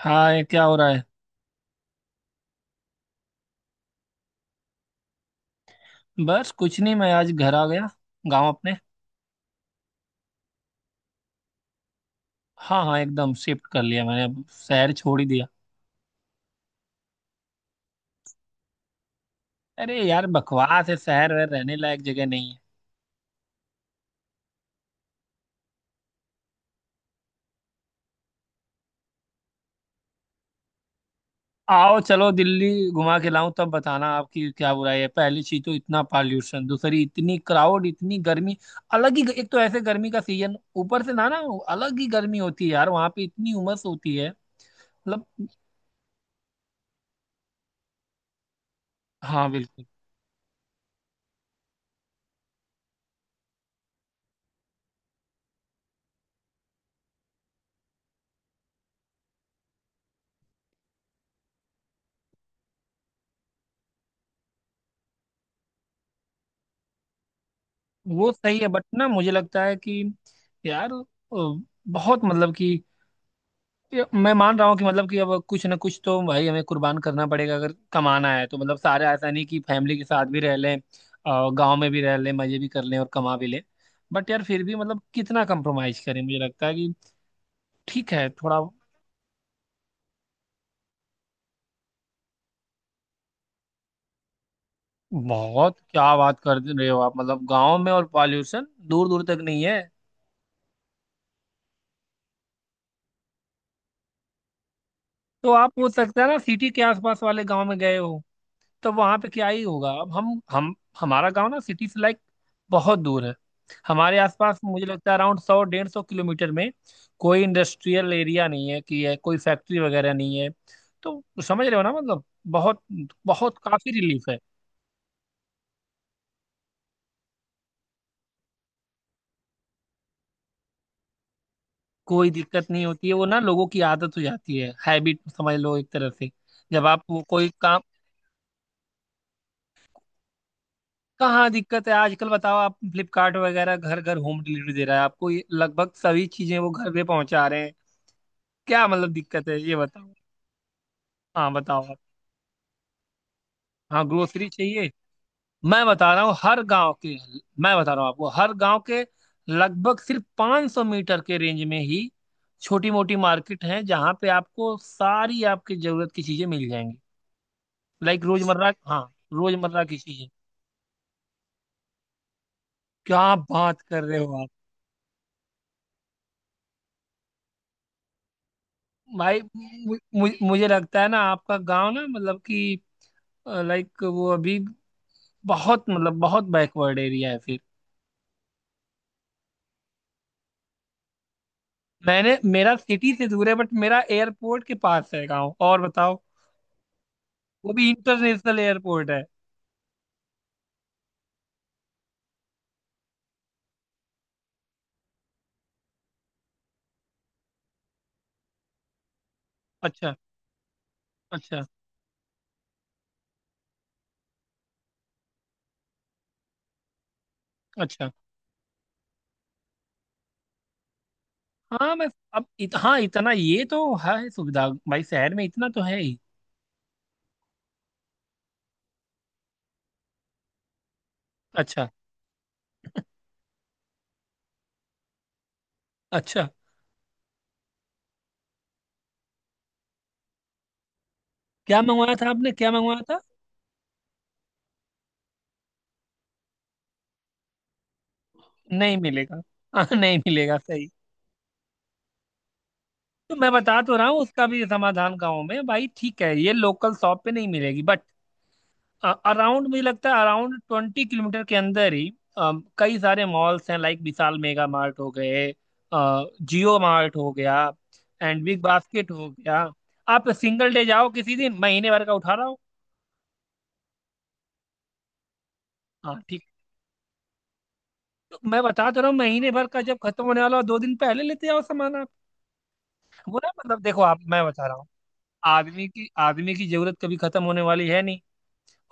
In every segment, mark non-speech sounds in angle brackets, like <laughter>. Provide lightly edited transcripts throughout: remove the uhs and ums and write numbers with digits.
हाय, क्या हो रहा है। बस कुछ नहीं, मैं आज घर आ गया। गांव अपने। हाँ हाँ एकदम शिफ्ट कर लिया मैंने, अब शहर छोड़ ही दिया। अरे यार, बकवास है शहर वहर, रहने लायक जगह नहीं है। आओ चलो दिल्ली घुमा के लाऊं तब बताना आपकी क्या बुराई है। पहली चीज तो इतना पॉल्यूशन, दूसरी इतनी क्राउड, इतनी गर्मी। अलग ही, एक तो ऐसे गर्मी का सीजन, ऊपर से ना ना अलग ही गर्मी होती है यार, वहां पे इतनी उमस होती है। मतलब, हाँ बिल्कुल। वो सही है बट ना, मुझे लगता है कि यार बहुत मतलब कि, ये मैं मान रहा हूँ कि मतलब कि अब कुछ ना कुछ तो भाई हमें कुर्बान करना पड़ेगा, अगर कमाना है तो। मतलब सारे ऐसा नहीं कि फैमिली के साथ भी रह लें और गांव में भी रह लें, मजे भी कर लें और कमा भी लें। बट यार फिर भी मतलब, कितना कंप्रोमाइज करें। मुझे लगता है कि ठीक है थोड़ा बहुत। क्या बात कर रहे हो आप, मतलब गांव में और पॉल्यूशन, दूर दूर तक नहीं है। तो आप हो सकता है ना सिटी के आसपास वाले गांव में गए हो, तो वहां पे क्या ही होगा। अब हम, हमारा गांव ना सिटी से लाइक बहुत दूर है। हमारे आसपास मुझे लगता है अराउंड 100 डेढ़ सौ किलोमीटर में कोई इंडस्ट्रियल एरिया नहीं है, कि है कोई फैक्ट्री वगैरह नहीं है। तो समझ रहे हो ना मतलब, बहुत बहुत काफी रिलीफ है। कोई दिक्कत नहीं होती है, वो ना लोगों की आदत हो जाती है, हैबिट समझ लो एक तरह से। जब आप वो कोई काम, कहाँ दिक्कत है आजकल बताओ। आप फ्लिपकार्ट वगैरह घर घर होम डिलीवरी दे रहा है, आपको ये लगभग सभी चीजें वो घर पे पहुंचा रहे हैं। क्या मतलब दिक्कत है ये बताओ। हाँ बताओ आप। हाँ ग्रोसरी चाहिए। मैं बता रहा हूँ हर गांव के, मैं बता रहा हूँ आपको, हर गांव के लगभग सिर्फ 500 मीटर के रेंज में ही छोटी मोटी मार्केट है, जहाँ पे आपको सारी आपकी जरूरत की चीजें मिल जाएंगी। लाइक रोजमर्रा, हाँ रोजमर्रा की चीजें। क्या बात कर रहे हो आप भाई, मु, मु, मुझे लगता है ना आपका गांव ना मतलब कि लाइक वो अभी बहुत मतलब बहुत बैकवर्ड एरिया है फिर। मैंने, मेरा सिटी से दूर है बट मेरा एयरपोर्ट के पास है गाँव, और बताओ वो भी इंटरनेशनल एयरपोर्ट है। अच्छा, अच्छा, अच्छा। हाँ मैं, अब हाँ इतना ये तो है सुविधा, भाई शहर में इतना तो है ही। अच्छा, अच्छा। क्या मंगवाया था आपने, क्या मंगवाया था। नहीं मिलेगा। हाँ, नहीं मिलेगा सही। तो मैं बता तो रहा हूँ उसका भी समाधान गाँव में। भाई ठीक है ये लोकल शॉप पे नहीं मिलेगी, बट अराउंड मुझे लगता है अराउंड 20 किलोमीटर के अंदर ही अ, कई सारे मॉल्स हैं। लाइक विशाल मेगा मार्ट हो गए, जियो मार्ट हो गया, एंड बिग बास्केट हो गया। आप सिंगल डे जाओ किसी दिन, महीने भर का उठा रहा हूँ। हाँ ठीक। तो मैं बता तो रहा हूँ, महीने भर का जब खत्म होने वाला हो 2 दिन पहले लेते आओ सामान आप। वो ना मतलब देखो, आप, मैं बता रहा हूँ, आदमी की जरूरत कभी खत्म होने वाली है नहीं।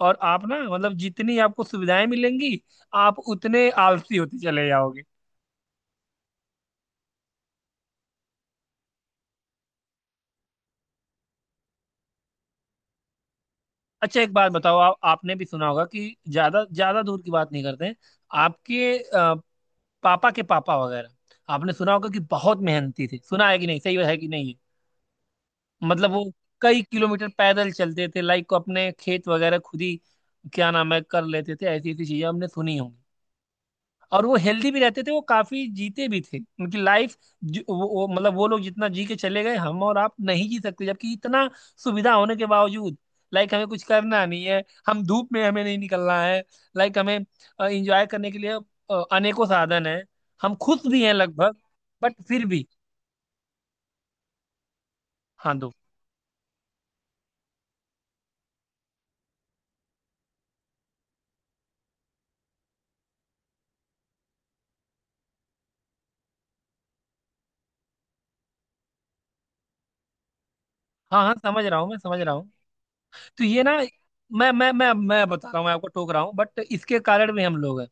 और आप ना मतलब, जितनी आपको सुविधाएं मिलेंगी आप उतने आलसी होते चले जाओगे। अच्छा एक बात बताओ आप, आपने भी सुना होगा कि ज्यादा ज्यादा दूर की बात नहीं करते हैं, आपके पापा के पापा वगैरह, आपने सुना होगा कि बहुत मेहनती थे, सुना है कि नहीं, सही है कि नहीं। मतलब वो कई किलोमीटर पैदल चलते थे, लाइक अपने खेत वगैरह खुद ही क्या नाम है कर लेते थे। ऐसी ऐसी चीजें हमने सुनी होंगी, और वो हेल्दी भी रहते थे, वो काफी जीते भी थे उनकी लाइफ। वो मतलब, वो लोग जितना जी के चले गए हम और आप नहीं जी सकते, जबकि इतना सुविधा होने के बावजूद। लाइक हमें कुछ करना नहीं है, हम धूप में हमें नहीं निकलना है। लाइक हमें एंजॉय करने के लिए अनेकों साधन है। हम खुश भी हैं लगभग, बट फिर भी। हाँ दो। हाँ हाँ समझ रहा हूँ, मैं समझ रहा हूँ। तो ये ना, मैं बता रहा हूँ, मैं आपको टोक रहा हूँ बट इसके कारण भी हम लोग हैं।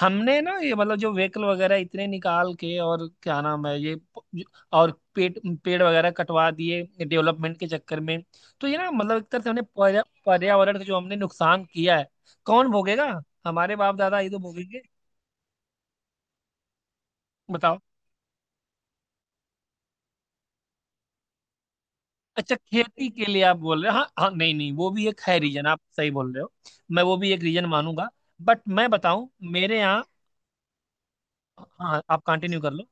हमने ना ये मतलब जो व्हीकल वगैरह इतने निकाल के, और क्या नाम है ये और पेड़ पेड़ वगैरह कटवा दिए डेवलपमेंट के चक्कर में। तो ये ना मतलब, एक तरह से हमने पर्यावरण का जो हमने नुकसान किया है, कौन भोगेगा। हमारे बाप दादा ये तो भोगेंगे। बताओ। अच्छा खेती के लिए आप बोल रहे हो, हाँ हाँ नहीं नहीं, वो भी एक है रीजन, आप सही बोल रहे हो। मैं वो भी एक रीजन मानूंगा। बट मैं बताऊं मेरे यहाँ। हाँ आप कंटिन्यू कर लो।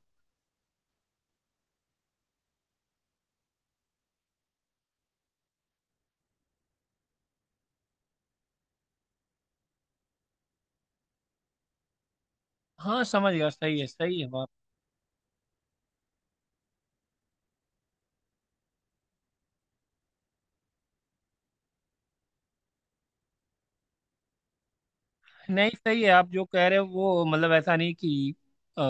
हाँ समझ गया, सही है, सही है। नहीं सही है, आप जो कह रहे हो वो मतलब ऐसा नहीं कि अ,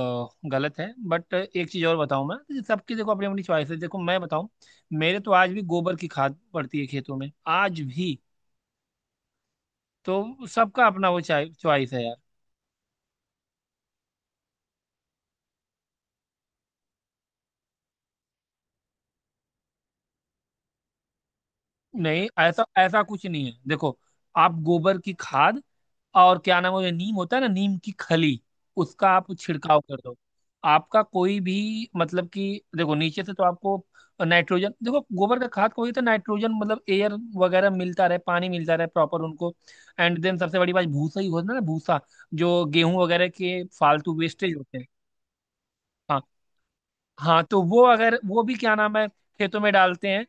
गलत है। बट एक चीज़ और बताऊं मैं तो, सबकी देखो अपनी अपनी चॉइस है। देखो मैं बताऊं, मेरे तो आज भी गोबर की खाद पड़ती है खेतों में, आज भी। तो सबका अपना वो चॉइस है यार। नहीं ऐसा ऐसा कुछ नहीं है, देखो आप गोबर की खाद और क्या नाम है, नीम होता है ना, नीम की खली, उसका आप छिड़काव कर दो। आपका कोई भी मतलब कि, देखो नीचे से तो आपको नाइट्रोजन, देखो गोबर का खाद को ही तो नाइट्रोजन मतलब एयर वगैरह मिलता रहे, पानी मिलता रहे प्रॉपर उनको। एंड देन सबसे बड़ी बात भूसा ही होता है ना, भूसा जो गेहूं वगैरह के फालतू वेस्टेज होते हैं। हाँ हाँ तो वो अगर वो भी क्या नाम है खेतों में डालते हैं।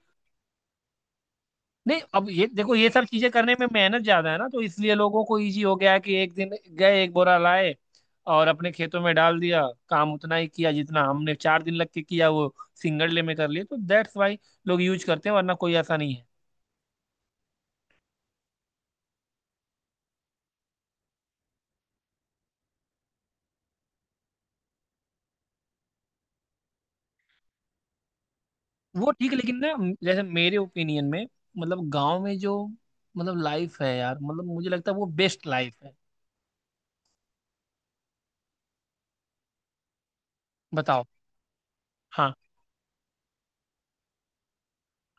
नहीं अब ये देखो, ये सब चीजें करने में मेहनत ज्यादा है ना, तो इसलिए लोगों को इजी हो गया है कि एक दिन गए, एक बोरा लाए, और अपने खेतों में डाल दिया। काम उतना ही किया जितना हमने 4 दिन लग के किया, वो सिंगल डे में कर लिए, तो दैट्स वाई लोग यूज करते हैं, वरना कोई ऐसा नहीं है। वो ठीक है लेकिन ना, जैसे मेरे ओपिनियन में, मतलब गांव में जो मतलब लाइफ है यार, मतलब मुझे लगता है वो बेस्ट लाइफ है। बताओ। हाँ।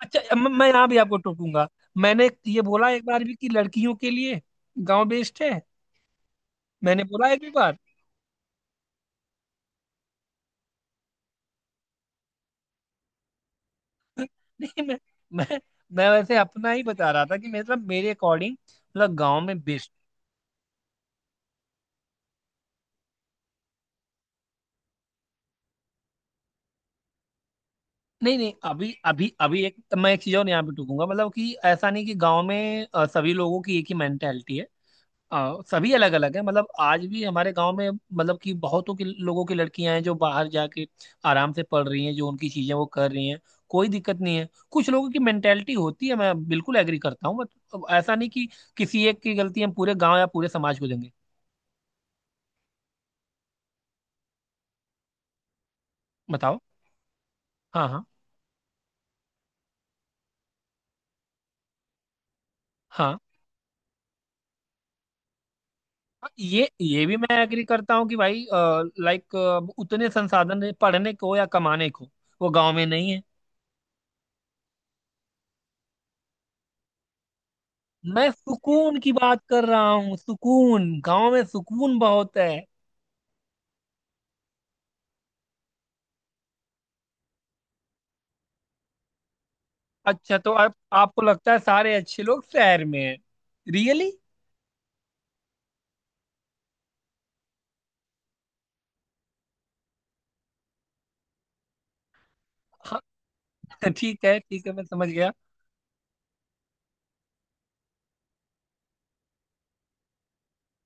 अच्छा अब मैं यहाँ भी आपको टोकूंगा। मैंने ये बोला एक बार भी कि लड़कियों के लिए गांव बेस्ट है, मैंने बोला एक भी बार। नहीं मैं, मैं वैसे अपना ही बता रहा था कि मतलब मेरे अकॉर्डिंग मतलब गांव में बेस्ट। नहीं नहीं, अभी अभी अभी एक तो मैं एक चीज और यहाँ पे टूकूंगा, मतलब कि ऐसा नहीं कि गांव में सभी लोगों की एक ही मेंटेलिटी है। सभी अलग अलग है, मतलब आज भी हमारे गांव में मतलब कि बहुतों की लोगों की लड़कियां हैं जो बाहर जाके आराम से पढ़ रही हैं, जो उनकी चीजें वो कर रही हैं, कोई दिक्कत नहीं है। कुछ लोगों की मेंटेलिटी होती है, मैं बिल्कुल एग्री करता हूँ, बट ऐसा नहीं कि किसी एक की गलती हम पूरे गांव या पूरे समाज को देंगे। बताओ। हाँ हाँ। हाँ, हाँ ये भी मैं एग्री करता हूँ कि भाई, लाइक उतने संसाधन हैं पढ़ने को या कमाने को वो गांव में नहीं है। मैं सुकून की बात कर रहा हूँ, सुकून, गांव में सुकून बहुत है। अच्छा तो आप, आपको लगता है सारे अच्छे लोग शहर में हैं, रियली? हाँ <laughs> ठीक है, ठीक है मैं समझ गया।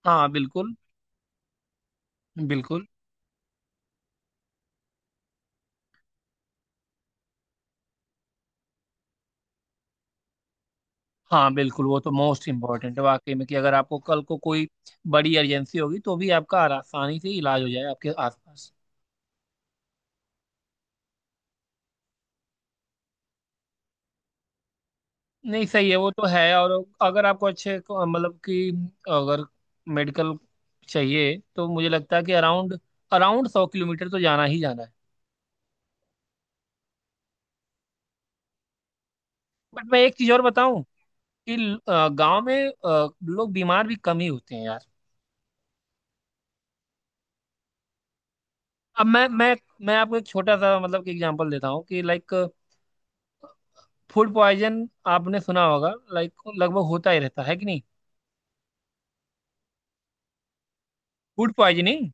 हाँ बिल्कुल। बिल्कुल। हाँ बिल्कुल, वो तो मोस्ट इम्पोर्टेंट है वाकई में, कि अगर आपको कल को कोई बड़ी एजेंसी होगी तो भी आपका आसानी से इलाज हो जाए आपके आसपास। नहीं सही है, वो तो है। और अगर आपको मतलब कि, अगर मेडिकल चाहिए, तो मुझे लगता है कि अराउंड, अराउंड 100 किलोमीटर तो जाना ही जाना है। बट मैं एक चीज़ और बताऊं कि गांव में लोग बीमार भी कम ही होते हैं यार। अब मैं, मैं आपको एक छोटा सा मतलब कि एग्जांपल देता हूँ कि लाइक, फूड पॉइजन आपने सुना होगा, लाइक लगभग होता ही रहता है कि नहीं, फूड पॉइजनिंग।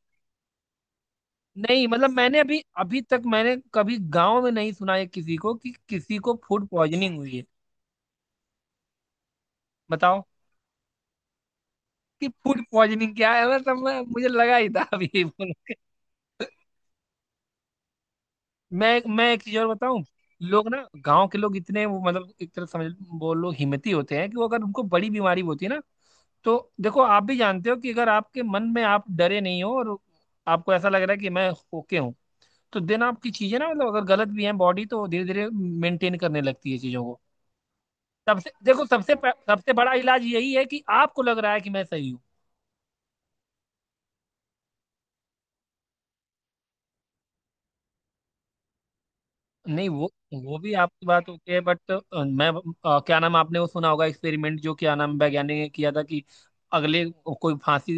नहीं मतलब मैंने अभी अभी तक मैंने कभी गांव में नहीं सुना है किसी को कि किसी को फूड पॉइजनिंग हुई है। बताओ कि फूड पॉइजनिंग क्या है मतलब, मैं मुझे लगा ही था अभी बोल के। मैं एक चीज और बताऊं, लोग ना, गांव के लोग इतने वो मतलब एक तरह समझ बोलो हिम्मती होते हैं, कि वो अगर उनको बड़ी बीमारी होती है ना, तो देखो आप भी जानते हो कि अगर आपके मन में आप डरे नहीं हो, और आपको ऐसा लग रहा है कि मैं ओके हूँ, तो दिन आपकी चीजें ना, मतलब अगर गलत भी है बॉडी तो धीरे धीरे मेंटेन करने लगती है चीजों को। सबसे सबसे बड़ा इलाज यही है कि आपको लग रहा है कि मैं सही हूँ। नहीं वो, वो भी आपकी बात होती है बट मैं क्या नाम, आपने वो सुना होगा एक्सपेरिमेंट जो क्या नाम वैज्ञानिक ने किया था, कि अगले कोई फांसी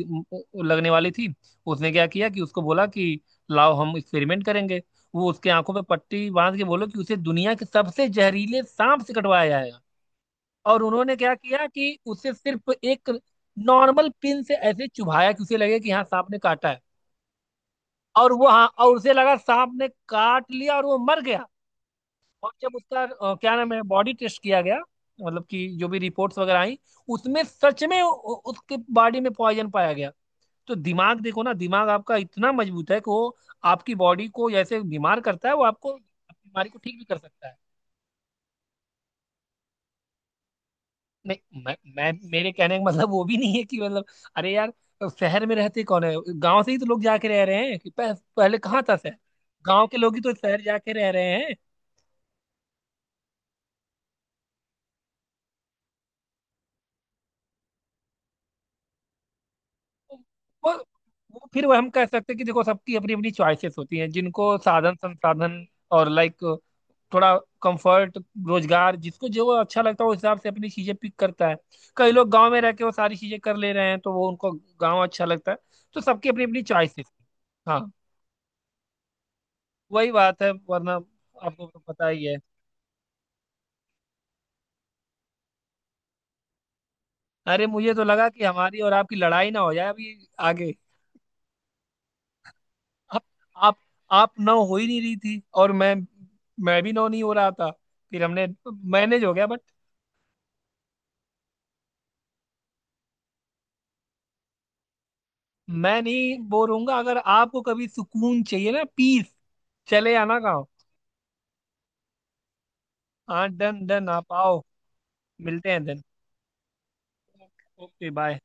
लगने वाली थी। उसने क्या किया कि उसको बोला कि लाओ हम एक्सपेरिमेंट करेंगे। वो उसके आंखों पे पट्टी बांध के बोलो कि उसे दुनिया के सबसे जहरीले सांप से कटवाया जाएगा। और उन्होंने क्या किया कि उसे सिर्फ एक नॉर्मल पिन से ऐसे चुभाया कि उसे लगे कि हाँ सांप ने काटा है। और वो, हाँ और उसे लगा सांप ने काट लिया और वो मर गया। और जब उसका क्या नाम है बॉडी टेस्ट किया गया, मतलब कि जो भी रिपोर्ट्स वगैरह आई, उसमें सच में उसके बॉडी में पॉइजन पाया गया। तो दिमाग देखो ना, दिमाग आपका इतना मजबूत है कि वो आपकी बॉडी को जैसे बीमार करता है, वो आपको आपकी बीमारी को ठीक भी कर सकता है। नहीं मैं, मैं मेरे कहने का मतलब वो भी नहीं है कि मतलब, अरे यार शहर में रहते कौन है, गांव से ही तो लोग जाके रह रहे हैं। कि पहले कहाँ था शहर, गांव के लोग ही तो शहर जाके रह रहे। वो वो फिर वो हम कह सकते हैं कि देखो सबकी अपनी अपनी चॉइसेस होती हैं, जिनको साधन संसाधन और लाइक थोड़ा कंफर्ट रोजगार, जिसको जो अच्छा लगता है उस हिसाब से अपनी चीजें पिक करता है। कई लोग गांव में रह के वो सारी चीजें कर ले रहे हैं, तो वो उनको गांव अच्छा लगता है। तो सबकी अपनी अपनी चॉइसेस। हाँ वही बात है, वरना आपको तो पता ही है। अरे मुझे तो लगा कि हमारी और आपकी लड़ाई ना हो जाए अभी आगे। आप आप आप नौ हो ही नहीं रही थी और मैं भी नौ नहीं हो रहा था, फिर हमने मैनेज हो गया बट। मैं नहीं बोर होऊंगा, अगर आपको कभी सुकून चाहिए ना, पीस, चले आना गाँव। हाँ डन डन, आप आओ। मिलते हैं देन। Okay bye.